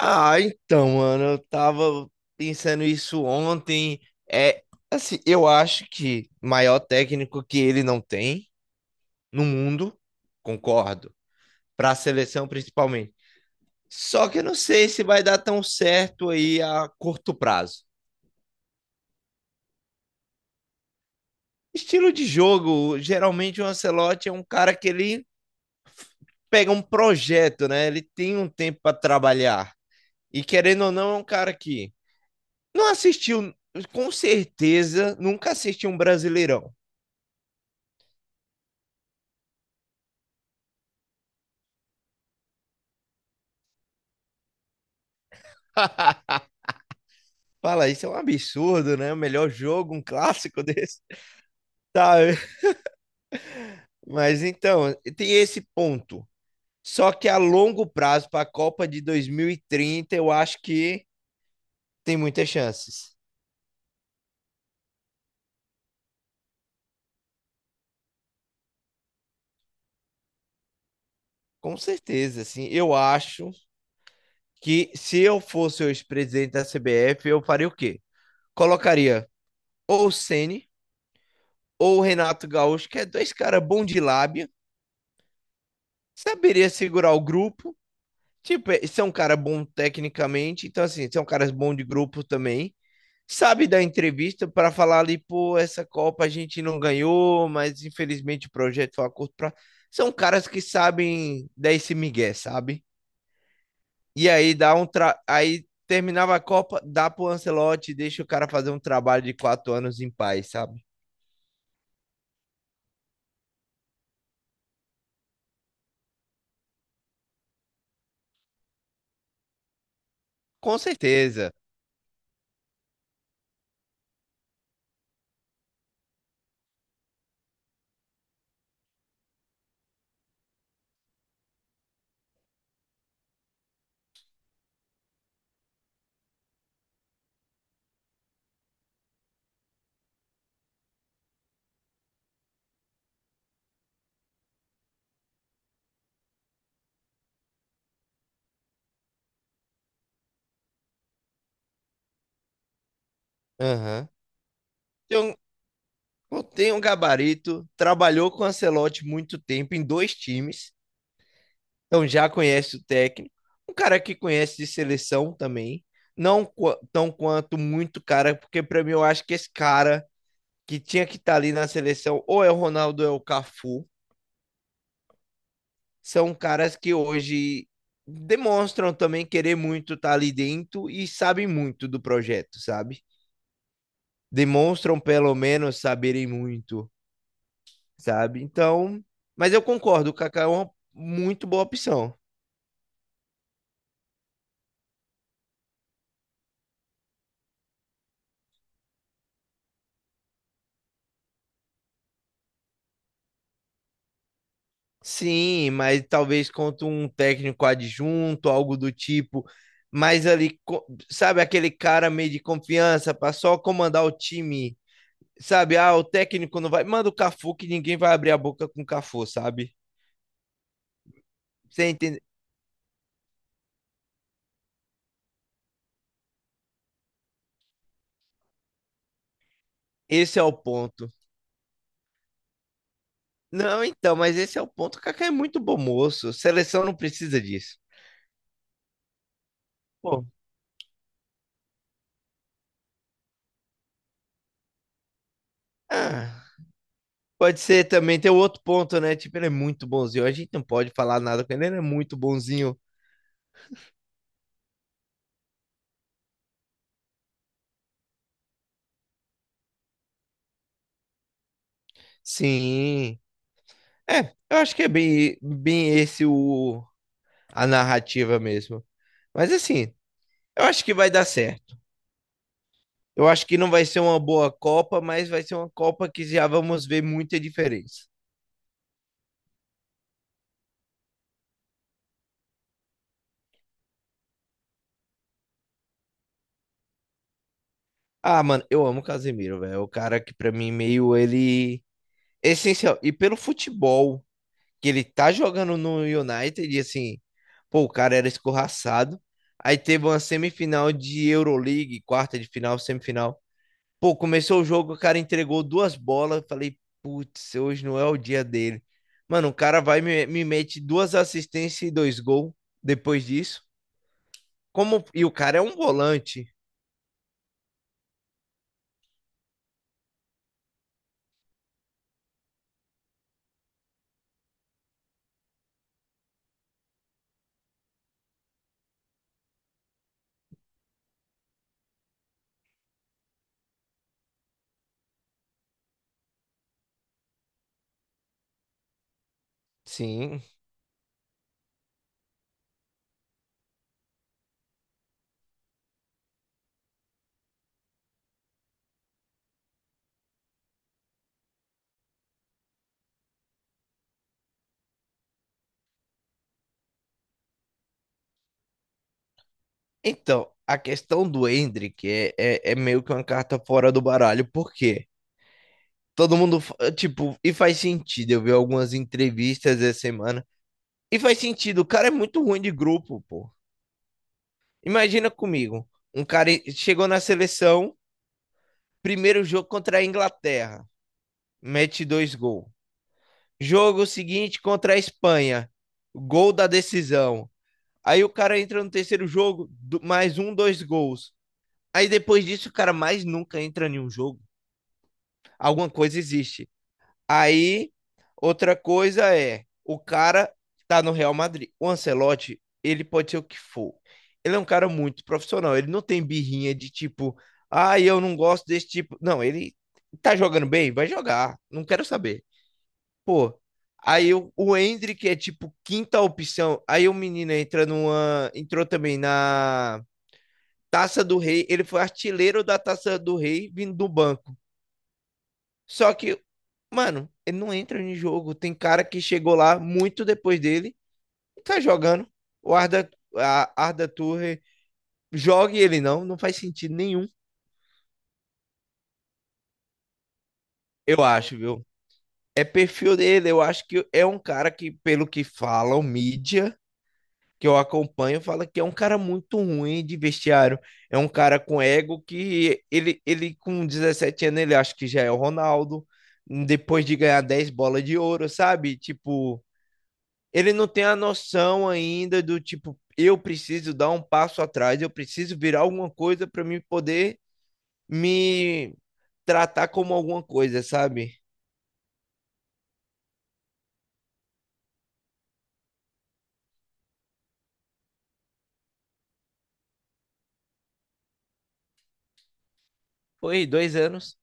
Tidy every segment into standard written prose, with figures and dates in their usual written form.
Ah, então, mano, eu tava pensando isso ontem. É, assim, eu acho que maior técnico que ele não tem no mundo, concordo, para a seleção principalmente. Só que eu não sei se vai dar tão certo aí a curto prazo. Estilo de jogo, geralmente o Ancelotti é um cara que ele pega um projeto, né? Ele tem um tempo para trabalhar. E querendo ou não, é um cara que não assistiu, com certeza, nunca assistiu um Brasileirão. Fala, isso é um absurdo, né? O melhor jogo, um clássico desse. Tá, mas então, tem esse ponto. Só que a longo prazo, para a Copa de 2030, eu acho que tem muitas chances. Com certeza, assim. Eu acho que se eu fosse o ex-presidente da CBF, eu faria o quê? Colocaria ou o Ceni ou o Renato Gaúcho, que é dois caras bons de lábia, saberia segurar o grupo. Tipo, você é um cara bom tecnicamente, então assim, você é um cara bom de grupo também. Sabe dar entrevista para falar ali, pô, essa Copa a gente não ganhou, mas infelizmente o projeto foi a curto prazo. São caras que sabem dar esse migué, sabe? E aí dá um aí terminava a Copa, dá pro Ancelotti, deixa o cara fazer um trabalho de 4 anos em paz, sabe? Com certeza. Aham. Tem tem um gabarito, trabalhou com o Ancelotti muito tempo em dois times. Então já conhece o técnico. Um cara que conhece de seleção também. Não tão quanto muito cara, porque para mim eu acho que esse cara que tinha que estar ali na seleção, ou é o Ronaldo ou é o Cafu, são caras que hoje demonstram também querer muito estar ali dentro e sabem muito do projeto, sabe? Demonstram pelo menos saberem muito, sabe? Então, mas eu concordo, o Kaká é uma muito boa opção. Sim, mas talvez contra um técnico adjunto, algo do tipo. Mas ali, sabe, aquele cara meio de confiança para só comandar o time. Sabe, ah, o técnico não vai. Manda o Cafu que ninguém vai abrir a boca com o Cafu, sabe? Você entende? Esse é o ponto. Não, então, mas esse é o ponto. O Kaká é muito bom moço. Seleção não precisa disso. Pô, ah, pode ser também. Tem outro ponto, né? Tipo, ele é muito bonzinho. A gente não pode falar nada com ele. Ele é muito bonzinho. Sim. É, eu acho que é bem esse a narrativa mesmo. Mas assim, eu acho que vai dar certo. Eu acho que não vai ser uma boa Copa, mas vai ser uma Copa que já vamos ver muita diferença. Ah, mano, eu amo o Casemiro, velho. É o cara que pra mim meio ele é essencial. E pelo futebol que ele tá jogando no United, e assim, pô, o cara era escorraçado. Aí teve uma semifinal de Euroleague, quarta de final, semifinal. Pô, começou o jogo, o cara entregou duas bolas. Falei, putz, hoje não é o dia dele. Mano, o cara vai e me mete duas assistências e dois gols depois disso. Como, e o cara é um volante. Sim. Então, a questão do Hendrick é meio que uma carta fora do baralho, por quê? Todo mundo, tipo, e faz sentido. Eu vi algumas entrevistas essa semana. E faz sentido, o cara é muito ruim de grupo, pô. Imagina comigo, um cara chegou na seleção, primeiro jogo contra a Inglaterra, mete dois gols. Jogo seguinte contra a Espanha, gol da decisão. Aí o cara entra no terceiro jogo, mais um, dois gols. Aí depois disso, o cara mais nunca entra em um jogo. Alguma coisa existe. Aí, outra coisa é, o cara tá no Real Madrid. O Ancelotti, ele pode ser o que for. Ele é um cara muito profissional. Ele não tem birrinha de tipo, ah, eu não gosto desse tipo. Não, ele tá jogando bem? Vai jogar. Não quero saber. Pô, aí o Endrick é tipo quinta opção. Aí o menino entra numa. Entrou também na Taça do Rei. Ele foi artilheiro da Taça do Rei vindo do banco. Só que, mano, ele não entra no jogo. Tem cara que chegou lá muito depois dele e tá jogando. O Arda, a Arda Turre joga e ele não. Não faz sentido nenhum, eu acho, viu? É perfil dele. Eu acho que é um cara que, pelo que falam, mídia que eu acompanho, fala que é um cara muito ruim de vestiário. É um cara com ego que ele com 17 anos, ele acha que já é o Ronaldo. Depois de ganhar 10 bolas de ouro, sabe? Tipo ele não tem a noção ainda do tipo, eu preciso dar um passo atrás, eu preciso virar alguma coisa para me poder me tratar como alguma coisa, sabe? Foi 2 anos.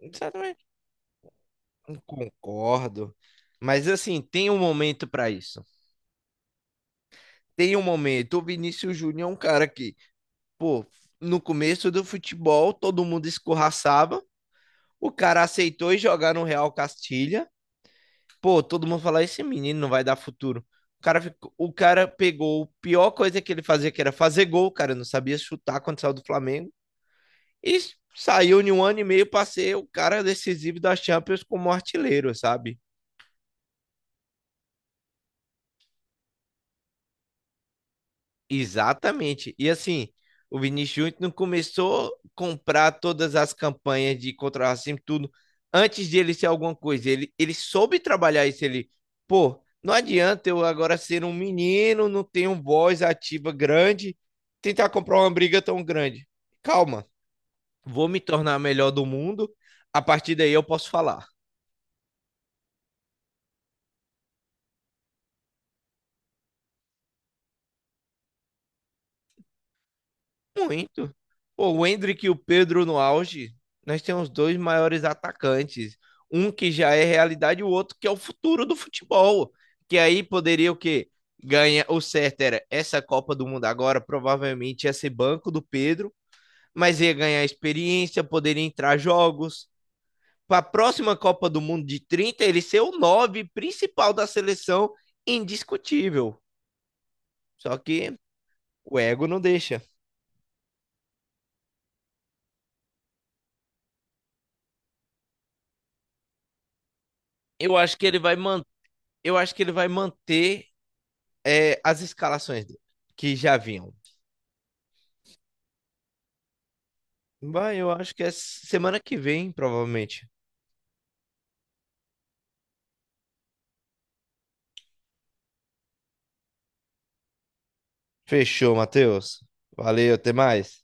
Exatamente. Concordo. Mas assim, tem um momento para isso. Tem um momento. O Vinícius Júnior é um cara que, pô, no começo do futebol, todo mundo escorraçava. O cara aceitou ir jogar no Real Castilha. Pô, todo mundo fala, esse menino não vai dar futuro. O cara, o cara pegou a pior coisa que ele fazia, que era fazer gol, o cara não sabia chutar quando saiu do Flamengo. E saiu em um ano e meio pra ser o cara decisivo da Champions como artilheiro, sabe? Exatamente. E assim, o Vinícius Júnior não começou a comprar todas as campanhas de contra o racismo, tudo, antes de ele ser alguma coisa. Ele soube trabalhar isso. Pô, não adianta eu agora ser um menino, não ter um voz ativa grande, tentar comprar uma briga tão grande. Calma, vou me tornar melhor do mundo, a partir daí eu posso falar. Muito. Pô, o Endrick e o Pedro no auge, nós temos dois maiores atacantes. Um que já é realidade e o outro que é o futuro do futebol. Que aí poderia o quê? Ganha o certo era essa Copa do Mundo agora, provavelmente ia ser banco do Pedro, mas ia ganhar experiência, poderia entrar jogos. Para a próxima Copa do Mundo de 30 ele ser o nove principal da seleção, indiscutível. Só que o ego não deixa. Eu acho que ele vai manter eu acho que ele vai manter é, as escalações dele, que já vinham. Vai, eu acho que é semana que vem, provavelmente. Fechou, Matheus. Valeu, até mais.